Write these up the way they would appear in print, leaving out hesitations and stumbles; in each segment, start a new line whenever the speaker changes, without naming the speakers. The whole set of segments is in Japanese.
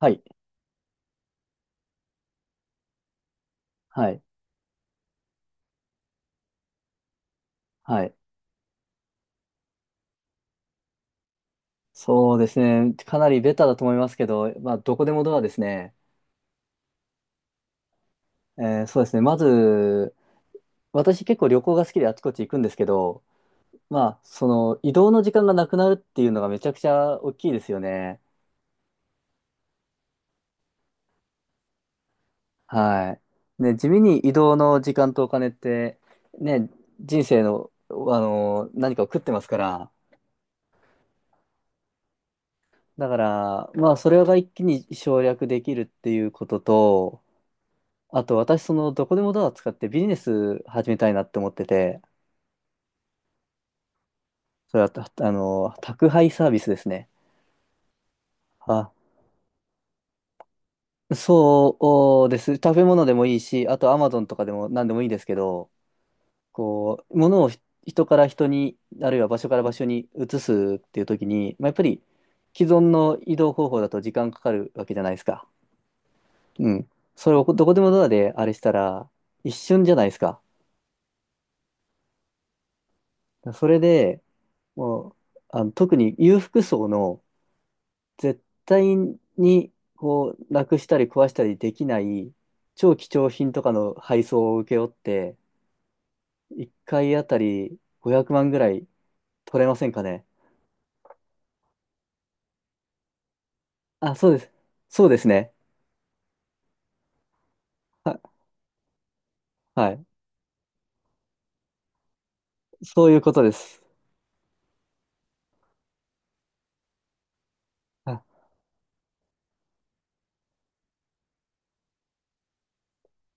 はい。はい。はい。そうですね。かなりベタだと思いますけど、まあ、どこでもドアですね。そうですね。まず、私結構旅行が好きであちこち行くんですけど、まあ、その移動の時間がなくなるっていうのがめちゃくちゃ大きいですよね。はい。ね、地味に移動の時間とお金って、ね、人生の、何かを食ってますから。だから、まあ、それが一気に省略できるっていうことと、あと私、どこでもドア使ってビジネス始めたいなって思ってて、それは、たあの、宅配サービスですね。あ、そうです。食べ物でもいいし、あとアマゾンとかでも何でもいいんですけど、こう、物を人から人に、あるいは場所から場所に移すっていう時に、まあ、やっぱり既存の移動方法だと時間かかるわけじゃないですか。うん。それをどこでもドアであれしたら、一瞬じゃないですか。それで、もう、特に裕福層の、絶対にこうなくしたり壊したりできない超貴重品とかの配送を請け負って、1回あたり500万ぐらい取れませんかね。あ、そうです。そうですね。は、はい。そういうことです。あ、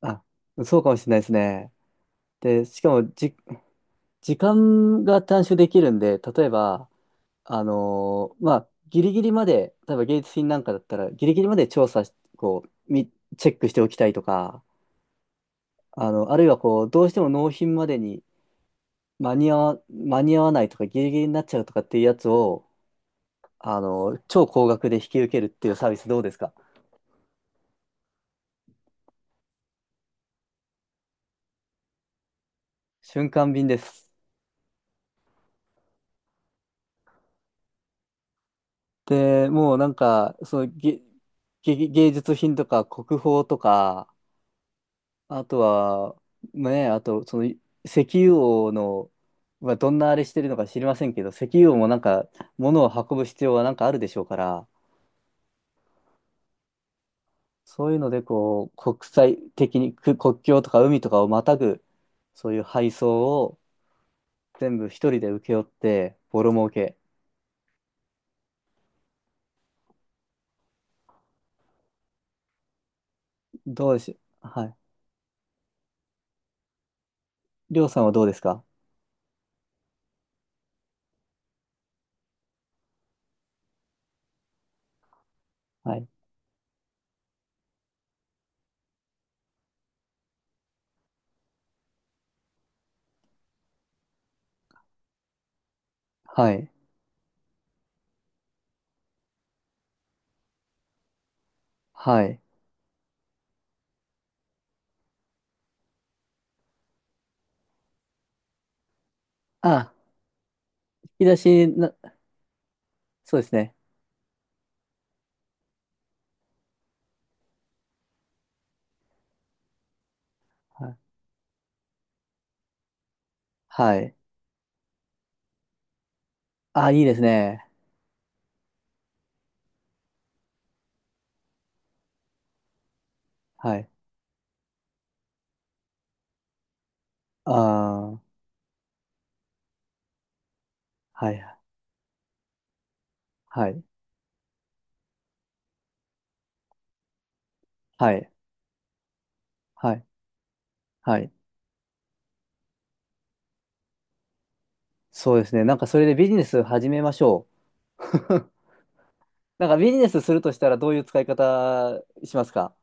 あ、そうかもしれないですね。で、しかも時間が短縮できるんで、例えば、まあ、ギリギリまで、例えば芸術品なんかだったら、ギリギリまで調査し、こう、チェックしておきたいとか、あるいはこう、どうしても納品までに間に合わないとかギリギリになっちゃうとかっていうやつを、超高額で引き受けるっていうサービスどうですか？瞬間便です。で、もうなんか、そのげ、げ芸術品とか国宝とか、あとは、ね、あと、その、石油王の、まあどんなあれしてるのか知りませんけど、石油王もなんか、物を運ぶ必要はなんかあるでしょうから、そういうので、こう、国際的に、国境とか海とかをまたぐ、そういう配送を全部一人で請け負って、ボロ儲け。どうでしょう、はい。りょうさんはどうですか？はい。はい。はい。あ、引き出しな、そうですね。はい。はい。あ、いいですね。はい。ああはい。はい。はい。はい。はい。そうですね。なんかそれでビジネス始めましょう。なんかビジネスするとしたらどういう使い方しますか？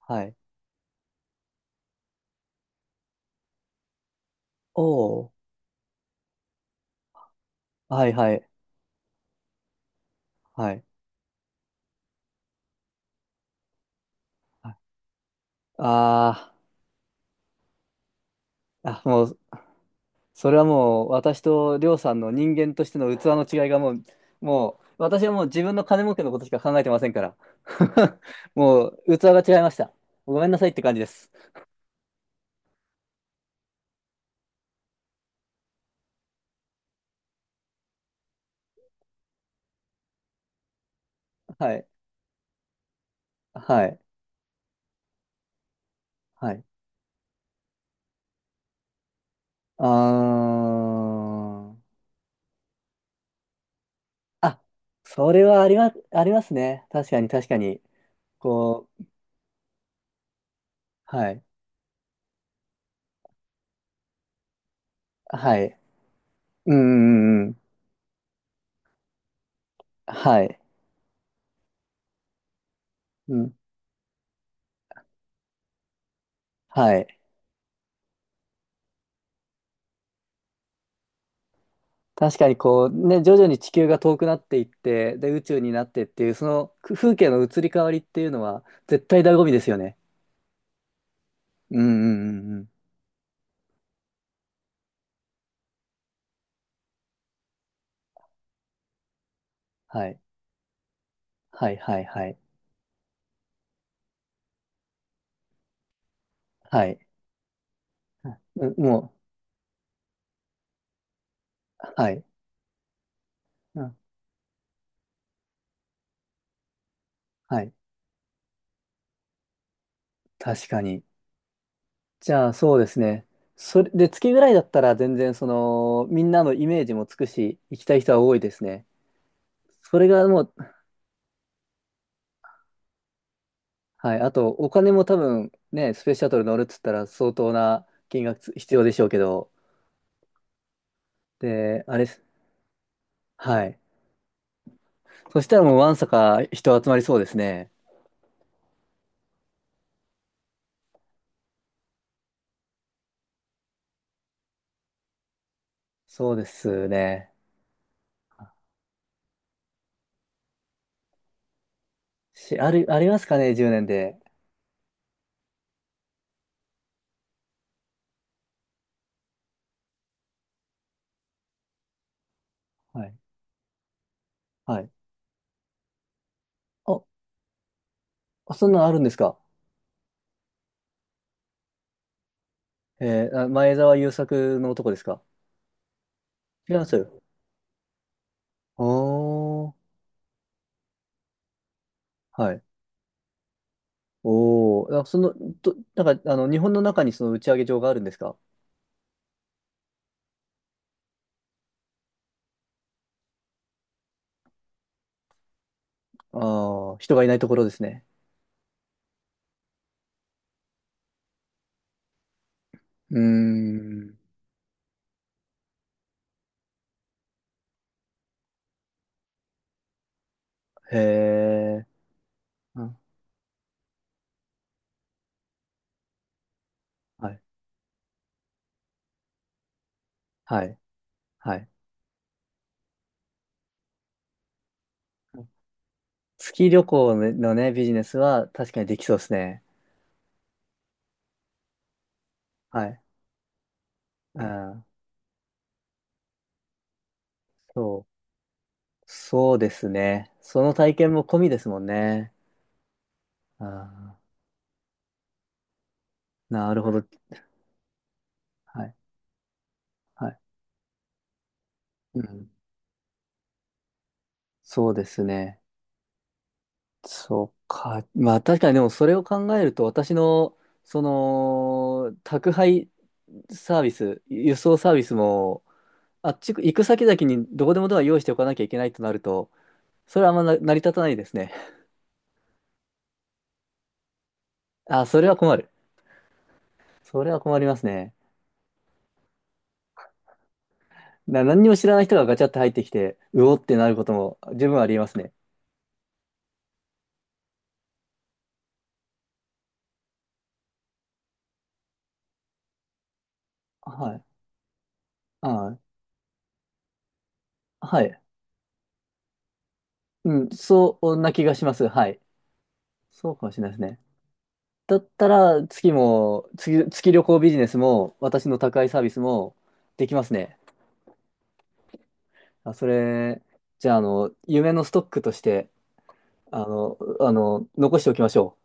はい。おお、はいはい、はい。ああー、あ、もう、それはもう、私とりょうさんの人間としての器の違いがもう、私はもう自分の金儲けのことしか考えてませんから。もう、器が違いました。ごめんなさいって感じです。はい、はい、はい。あー、あ、それはありますね。確かに、確かに。こう、はい、はい。うん、うん、うん。はい、うん、はい。確かにこうね、徐々に地球が遠くなっていって、で、宇宙になってっていう、その風景の移り変わりっていうのは、絶対醍醐味ですよね。うんうんうんうん。はい。はいはいはい。はい。うんもう、はい。うん、はい。確かに。じゃあそうですね。それで、月ぐらいだったら全然その、みんなのイメージもつくし、行きたい人は多いですね。それがもう、はい。あと、お金も多分ね、スペースシャトル乗るっつったら相当な金額必要でしょうけど、で、あれっす、はい。そしたらもうわんさか人集まりそうですね。そうですね。し、ある、ありますかね、10年で。はい。はい。あ、そんなのあるんですか？あ前澤友作の男ですか？違いますよ。おー。はい。おー。なんか、日本の中にその打ち上げ場があるんですか？ああー、人がいないところですね。うーん。へえ。うんはい。はい。はい。月旅行のね、ビジネスは確かにできそうですね。はい。うんそう。そうですね。その体験も込みですもんね。あん、なるほど。はい。はい。うん。そうですね。そうか。まあ確かにでもそれを考えると私の、その、宅配サービス、輸送サービスも、あっち行く先々にどこでもドア用意しておかなきゃいけないとなると、それはあんまな成り立たないですね。あ、それは困る。それは困りますね。何にも知らない人がガチャって入ってきて、うおってなることも十分ありえますね。はい。はい。はい。うん、そんな気がします。はい。そうかもしれないですね。だったら、月も、月、月旅行ビジネスも、私の宅配サービスもできますね。あ、じゃあ、夢のストックとして、残しておきましょう。